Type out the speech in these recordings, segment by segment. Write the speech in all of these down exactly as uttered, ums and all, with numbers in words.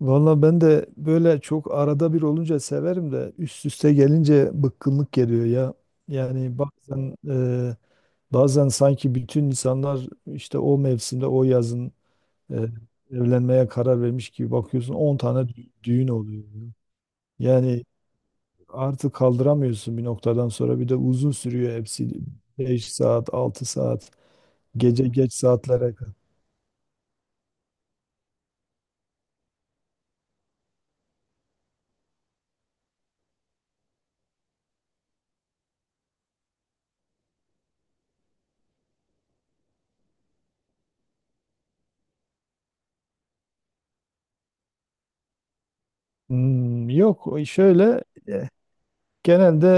Valla, ben de böyle çok arada bir olunca severim de üst üste gelince bıkkınlık geliyor ya. Yani bazen, e, bazen sanki bütün insanlar, işte, o mevsimde, o yazın e, evlenmeye karar vermiş gibi bakıyorsun, on tane dü- düğün oluyor. Yani artık kaldıramıyorsun bir noktadan sonra, bir de uzun sürüyor hepsi, beş saat altı saat, gece geç saatlere kadar. Hmm, yok, o şöyle. e, Genelde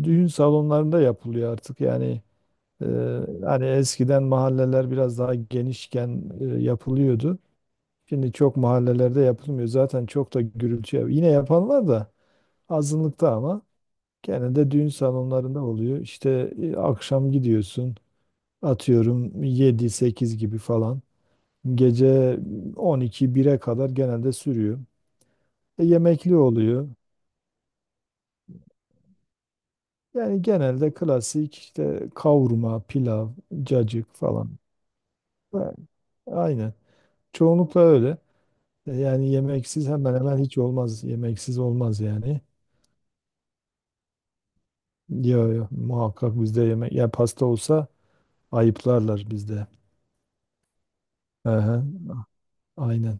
e, düğün salonlarında yapılıyor artık. Yani, e, hani eskiden mahalleler biraz daha genişken, e, yapılıyordu. Şimdi çok mahallelerde yapılmıyor. Zaten çok da gürültü yap- yine yapan var da azınlıkta, ama genelde düğün salonlarında oluyor. İşte e, akşam gidiyorsun, atıyorum yedi sekiz gibi falan. Gece on iki bire kadar genelde sürüyor. E, yemekli oluyor. Yani genelde klasik, işte kavurma, pilav, cacık falan. Yani, aynen. Çoğunlukla öyle. E, Yani yemeksiz hemen hemen hiç olmaz. Yemeksiz olmaz yani. Yo yo, muhakkak bizde yemek. Ya pasta olsa ayıplarlar bizde. Aha, aynen.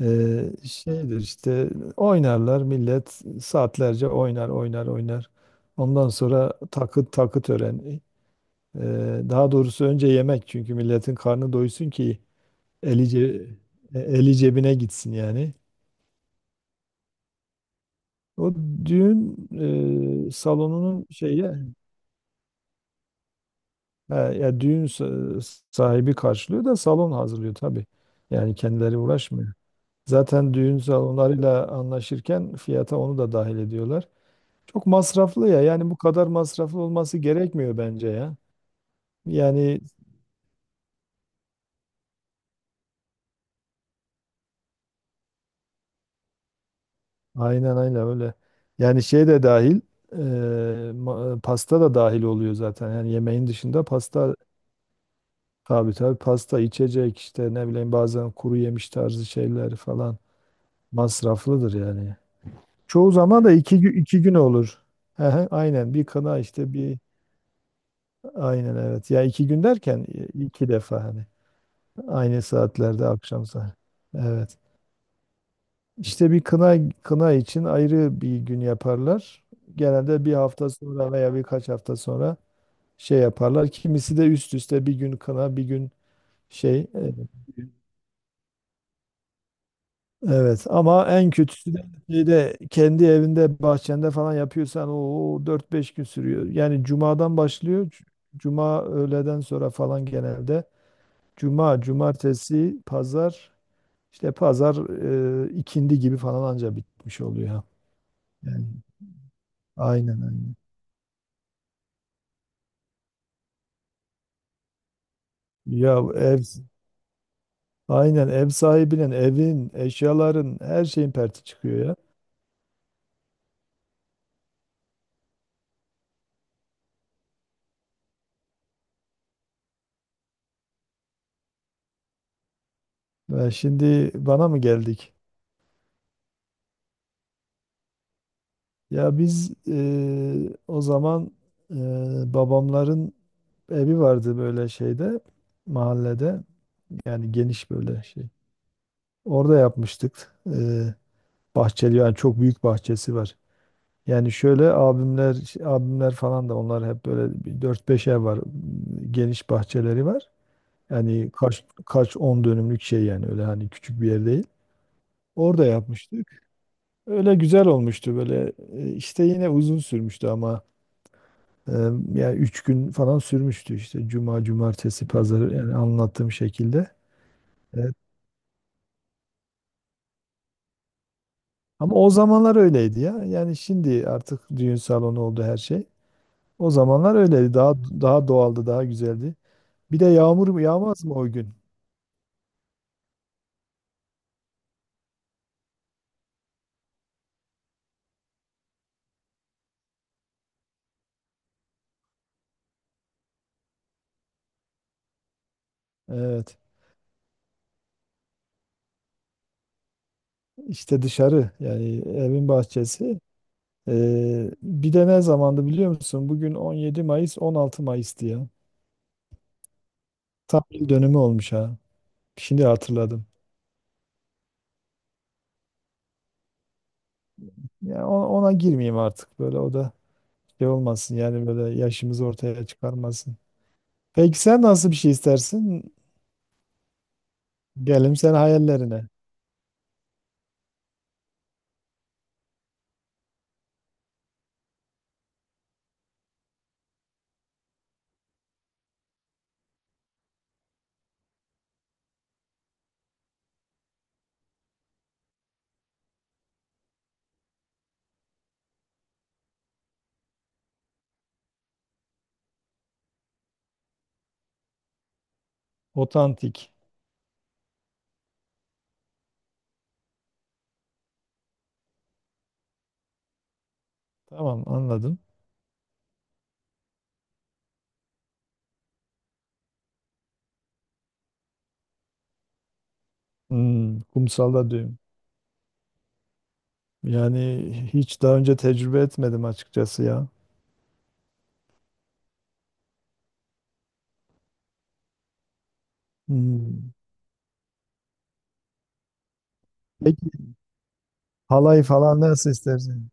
Ee, şeydir işte, oynarlar millet saatlerce, oynar oynar oynar. Ondan sonra takı, takı töreni. Ee, daha doğrusu önce yemek, çünkü milletin karnı doysun ki Eli, ce- e, eli cebine gitsin yani. O düğün e, salonunun şeyi, ha, ya düğün sa- sahibi karşılıyor da salon hazırlıyor tabii. Yani kendileri uğraşmıyor. Zaten düğün salonlarıyla anlaşırken fiyata onu da dahil ediyorlar. Çok masraflı ya. Yani bu kadar masraflı olması gerekmiyor bence ya. Yani aynen, aynen, öyle. Yani şey de dahil, e, ma- pasta da dahil oluyor zaten. Yani yemeğin dışında pasta. Tabii, tabii, pasta, içecek, işte ne bileyim, bazen kuru yemiş tarzı şeyler falan, masraflıdır yani. Çoğu zaman da iki, gü- iki gün olur. Hı hı, aynen, bir kına işte, bir, aynen, evet. Ya iki gün derken, i- iki defa hani, aynı saatlerde, akşam saat. Evet. İşte, bir kına, kına için ayrı bir gün yaparlar. Genelde bir hafta sonra veya birkaç hafta sonra şey yaparlar. Kimisi de üst üste bir gün kına, bir gün şey, e, evet, ama en kötüsü de şeyde, kendi evinde, bahçende falan yapıyorsan, o dört beş gün sürüyor. Yani cumadan başlıyor. c- Cuma öğleden sonra falan genelde. Cuma, cumartesi, pazar, işte pazar e, ikindi gibi falan anca bitmiş oluyor, ha. Yani aynen, aynen. Ya ev Aynen, ev sahibinin, evin, eşyaların, her şeyin perti çıkıyor ya. Ya şimdi bana mı geldik? Ya biz eee, o zaman, eee, babamların evi vardı, böyle şeyde, mahallede, yani geniş böyle şey. Orada yapmıştık. Eee bahçeli, yani çok büyük bahçesi var. Yani şöyle, abimler şey, abimler falan da, onlar hep böyle bir dört beş ev var. Geniş bahçeleri var. Yani kaç kaç on dönümlük şey yani, öyle hani küçük bir yer değil. Orada yapmıştık. Öyle güzel olmuştu böyle. Eee, işte yine uzun sürmüştü, ama Ee, yani üç gün falan sürmüştü, işte cuma, cumartesi, pazar, yani anlattığım şekilde. Evet. Ama o zamanlar öyleydi ya. Yani şimdi artık düğün salonu oldu her şey. O zamanlar öyleydi. Daha daha doğaldı, daha güzeldi. Bir de yağmur mu yağmaz mı o gün? Evet. İşte dışarı, yani evin bahçesi. Ee, bir de ne zamandı, biliyor musun? Bugün 17 Mayıs, 16 Mayıs'tı ya. Tam yıl dönümü olmuş, ha. Şimdi hatırladım. Yani ona, ona girmeyeyim artık, böyle o da şey olmasın, yani böyle yaşımızı ortaya çıkarmasın. Peki sen nasıl bir şey istersin? Gelelim sen hayallerine. Otantik. Tamam, anladım. Hmm, kumsalda düğün. Yani hiç daha önce tecrübe etmedim açıkçası ya. Hmm. Peki halay falan nasıl istersin?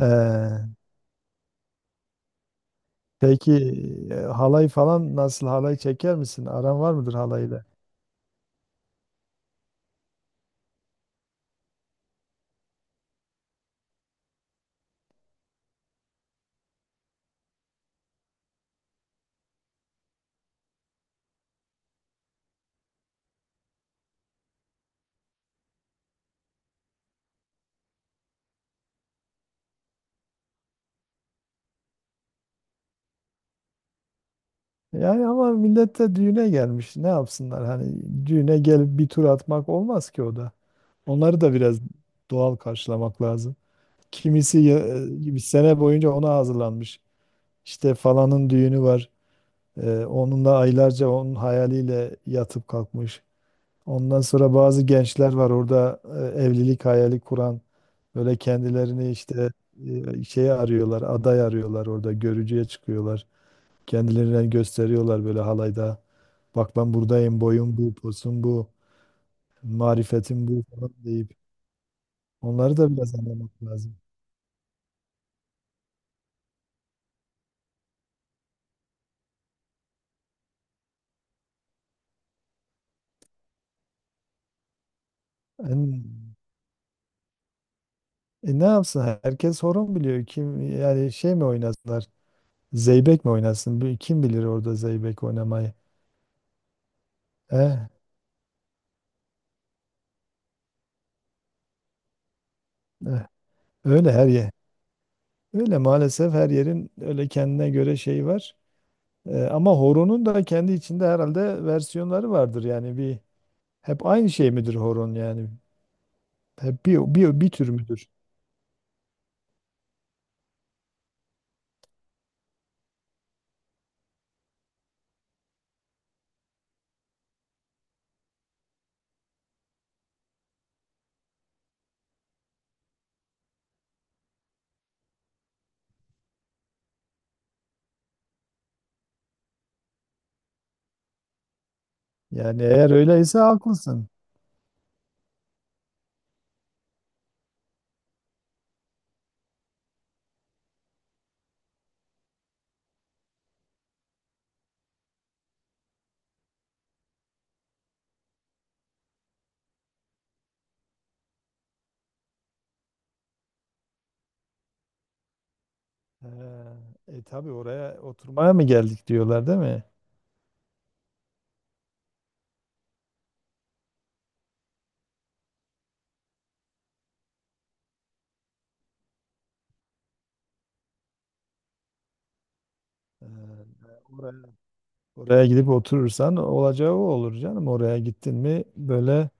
Ee, peki, e, halay falan nasıl, halay çeker misin? Aran var mıdır halayla? Yani ama millet de düğüne gelmiş. Ne yapsınlar? Hani düğüne gelip bir tur atmak olmaz ki o da. Onları da biraz doğal karşılamak lazım. Kimisi ya- e, bir sene boyunca ona hazırlanmış. İşte falanın düğünü var. E, onunla aylarca onun hayaliyle yatıp kalkmış. Ondan sonra bazı gençler var orada e, evlilik hayali kuran. Böyle kendilerini işte e, şeye arıyorlar, aday arıyorlar orada. Görücüye çıkıyorlar. Kendilerini gösteriyorlar böyle halayda. Bak, ben buradayım, boyum bu, posum bu, marifetim bu falan deyip. Onları da biraz anlamak lazım. En- E, ne yapsın? Herkes horon biliyor. Kim, yani şey mi oynasınlar? Zeybek mi oynasın? Bir- Kim bilir orada zeybek oynamayı? Eh, eh, Öyle her yer. Öyle maalesef, her yerin öyle kendine göre şeyi var. E, ama horonun da kendi içinde herhalde versiyonları vardır. Yani bir, hep aynı şey midir horon yani? Hep bir bir, bir tür müdür? Yani, eğer öyleyse haklısın. E, e tabii, oraya oturmaya mı geldik diyorlar, değil mi? E, Oraya gidip oturursan olacağı o olur canım. Oraya gittin mi böyle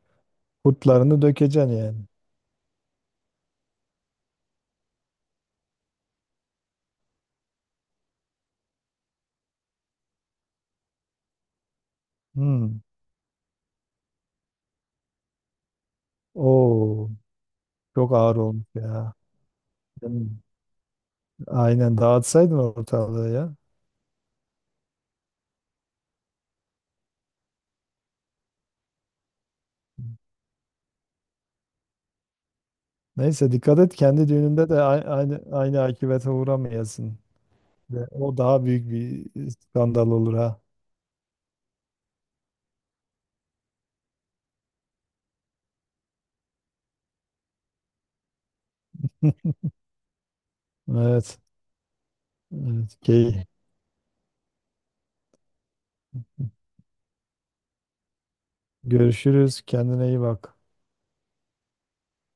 kurtlarını dökeceksin yani. Hmm. Oo, çok ağır olmuş ya. Hmm. Aynen, dağıtsaydın ortalığı ya. Neyse dikkat et, kendi düğününde de a- aynı aynı akibete uğramayasın. Ve o daha büyük bir skandal olur, ha. Evet. Evet. Key. Görüşürüz. Kendine iyi bak.